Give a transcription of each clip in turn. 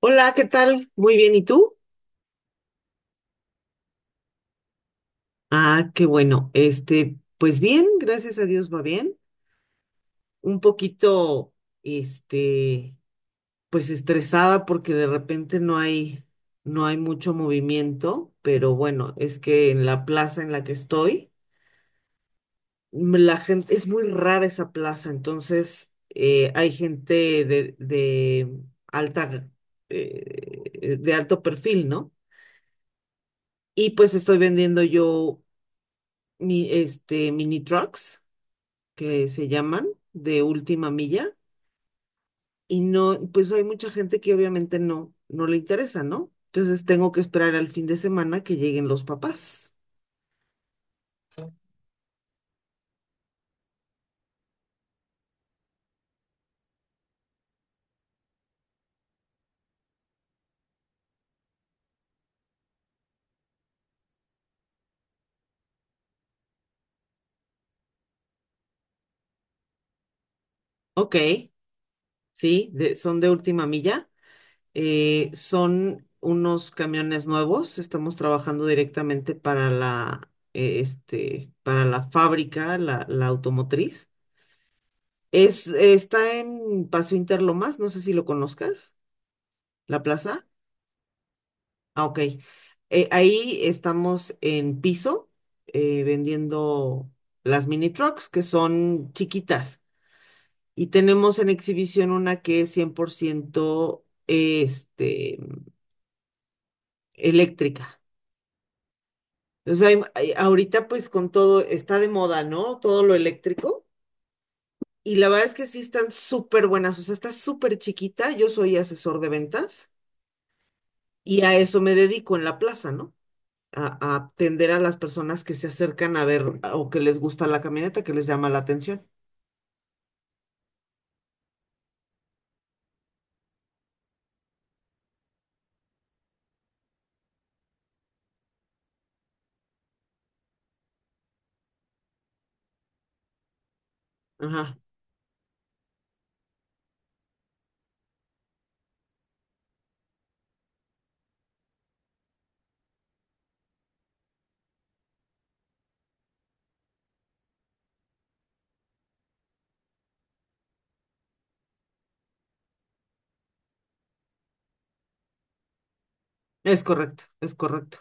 Hola, ¿qué tal? Muy bien, ¿y tú? Ah, qué bueno. Pues bien, gracias a Dios va bien. Un poquito, este, pues estresada porque de repente no hay mucho movimiento, pero bueno, es que en la plaza en la que estoy, la gente, es muy rara esa plaza, entonces hay gente de alta, de alto perfil, ¿no? Y pues estoy vendiendo yo. Mi, mini trucks, que se llaman, de última milla, y no, pues hay mucha gente que obviamente no le interesa, ¿no? Entonces tengo que esperar al fin de semana que lleguen los papás. Ok, sí, son de última milla, son unos camiones nuevos, estamos trabajando directamente para para la fábrica, la automotriz. Es, está en Paso Interlomas, no sé si lo conozcas, la plaza. Ah, ok. Ahí estamos en piso vendiendo las mini trucks que son chiquitas y tenemos en exhibición una que es 100%, eléctrica. O sea, ahorita pues con todo está de moda, ¿no? Todo lo eléctrico y la verdad es que sí están súper buenas, o sea, está súper chiquita. Yo soy asesor de ventas y a eso me dedico en la plaza, ¿no? A atender a las personas que se acercan a ver o que les gusta la camioneta, que les llama la atención. Ajá, es correcto, es correcto.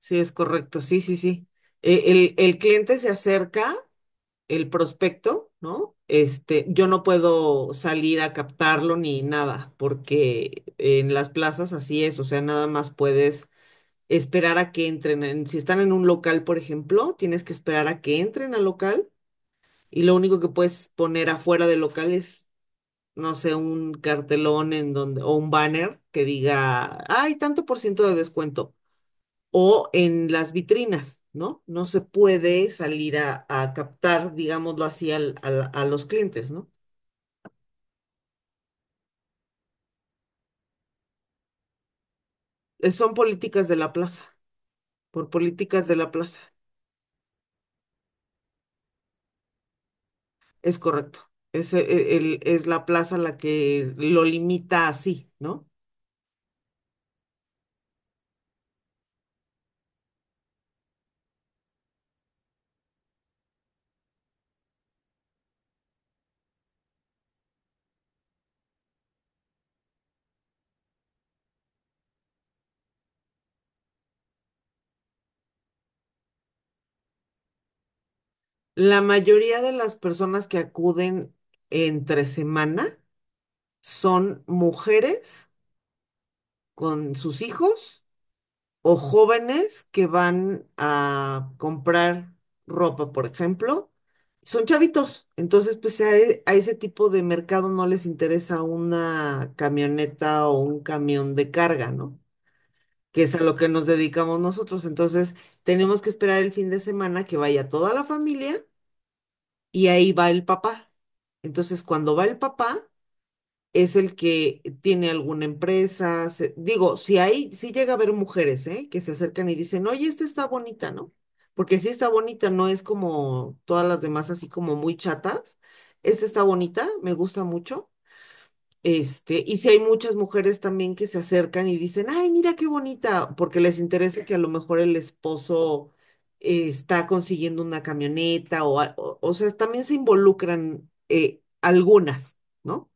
Sí, es correcto, sí, sí, sí. El cliente se acerca, el prospecto, ¿no? Yo no puedo salir a captarlo ni nada, porque en las plazas así es, o sea, nada más puedes esperar a que entren. Si están en un local, por ejemplo, tienes que esperar a que entren al local y lo único que puedes poner afuera del local es no sé, un cartelón en donde, o un banner que diga, hay tanto por ciento de descuento, o en las vitrinas, ¿no? No se puede salir a captar, digámoslo así, a los clientes, ¿no? Son políticas de la plaza, por políticas de la plaza, es correcto. Es la plaza la que lo limita así, ¿no? La mayoría de las personas que acuden entre semana son mujeres con sus hijos o jóvenes que van a comprar ropa, por ejemplo, son chavitos. Entonces, a ese tipo de mercado no les interesa una camioneta o un camión de carga, ¿no? Que es a lo que nos dedicamos nosotros. Entonces, tenemos que esperar el fin de semana que vaya toda la familia y ahí va el papá. Entonces, cuando va el papá, es el que tiene alguna empresa. Digo, si llega a haber mujeres, ¿eh? Que se acercan y dicen, oye, esta está bonita, ¿no? Porque si está bonita, no es como todas las demás así como muy chatas. Esta está bonita, me gusta mucho. Y si hay muchas mujeres también que se acercan y dicen, ay, mira qué bonita, porque les interesa que a lo mejor el esposo está consiguiendo una camioneta o sea, también se involucran algunas, ¿no?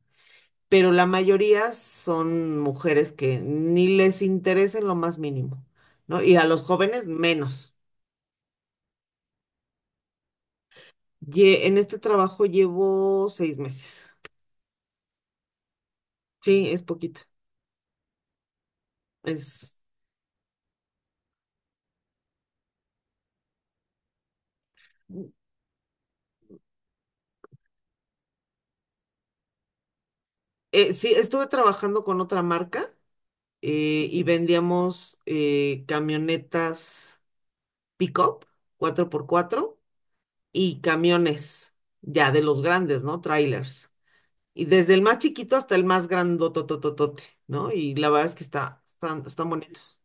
Pero la mayoría son mujeres que ni les interesa en lo más mínimo, ¿no? Y a los jóvenes menos. En este trabajo llevo 6 meses. Sí, es poquita. Es, sí, estuve trabajando con otra marca y vendíamos camionetas pick-up 4x4 y camiones ya de los grandes, ¿no? Trailers. Y desde el más chiquito hasta el más grandotototote, ¿no? Y la verdad es que están bonitos.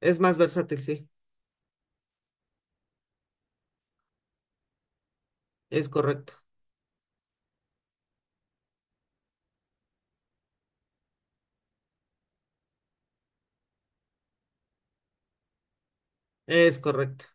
Es más versátil, sí. Es correcto. Es correcto.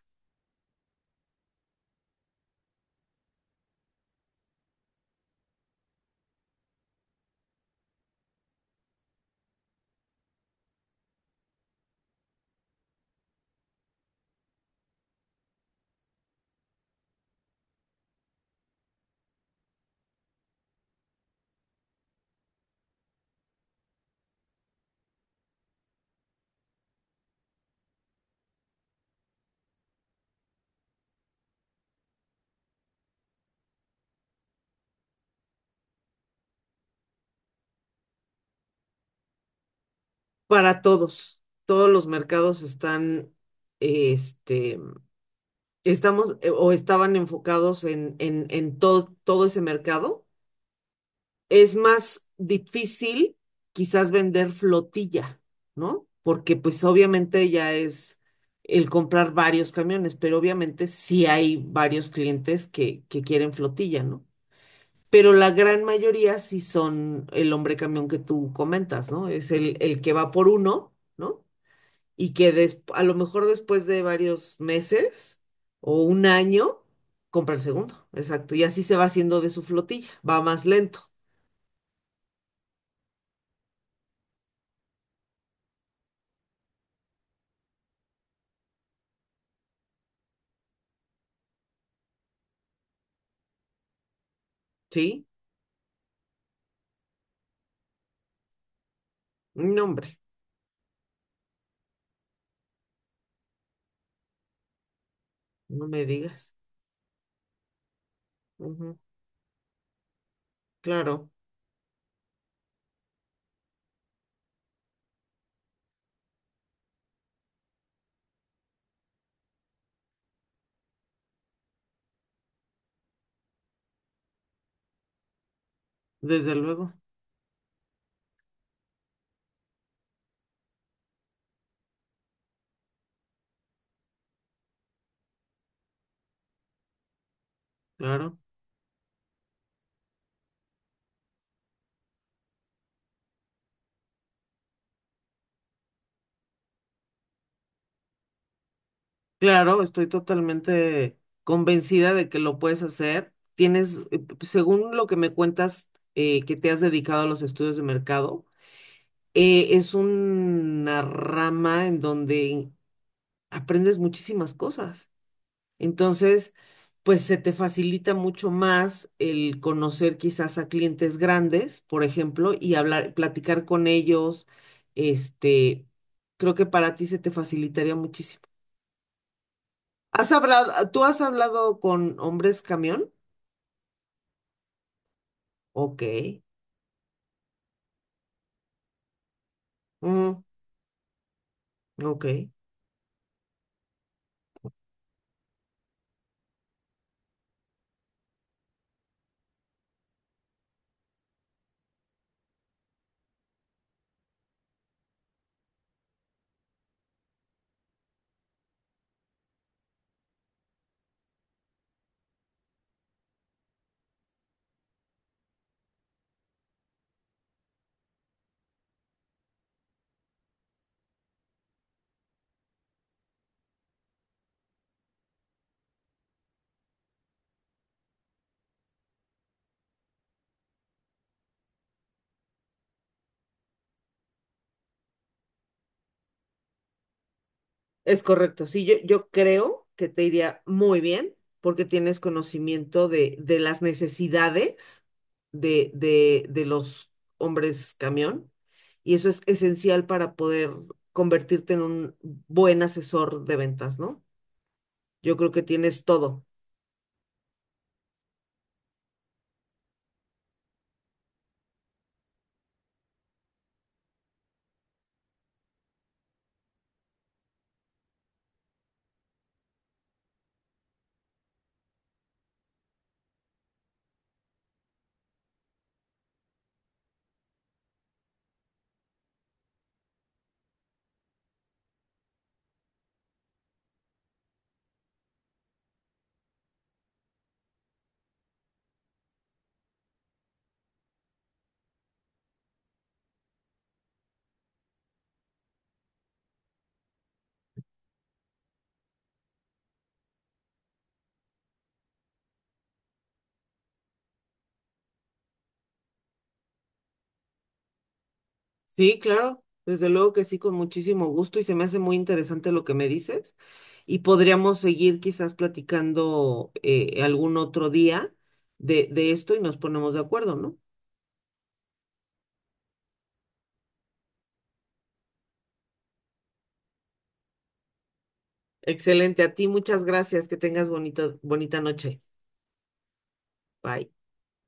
Para todos. Todos los mercados están, este, estamos o estaban enfocados en todo, todo ese mercado. Es más difícil quizás vender flotilla, ¿no? Porque pues obviamente ya es el comprar varios camiones, pero obviamente sí hay varios clientes que quieren flotilla, ¿no? Pero la gran mayoría sí son el hombre camión que tú comentas, ¿no? Es el que va por uno, ¿no? Y a lo mejor después de varios meses o un año compra el segundo, exacto. Y así se va haciendo de su flotilla, va más lento, ¿sí? No, hombre, no me digas. Ujú, claro, desde luego, claro. Claro, estoy totalmente convencida de que lo puedes hacer. Tienes, según lo que me cuentas, que te has dedicado a los estudios de mercado, es una rama en donde aprendes muchísimas cosas. Entonces, pues se te facilita mucho más el conocer quizás a clientes grandes, por ejemplo, y hablar, platicar con ellos. Este, Creo que para ti se te facilitaría muchísimo. ¿Tú has hablado con hombres camión? Ok. Mm, ok. Es correcto, sí, yo creo que te iría muy bien porque tienes conocimiento de las necesidades de los hombres camión y eso es esencial para poder convertirte en un buen asesor de ventas, ¿no? Yo creo que tienes todo. Sí, claro, desde luego que sí, con muchísimo gusto y se me hace muy interesante lo que me dices y podríamos seguir quizás platicando algún otro día de esto y nos ponemos de acuerdo, ¿no? Excelente, a ti muchas gracias, que tengas bonito, bonita noche. Bye.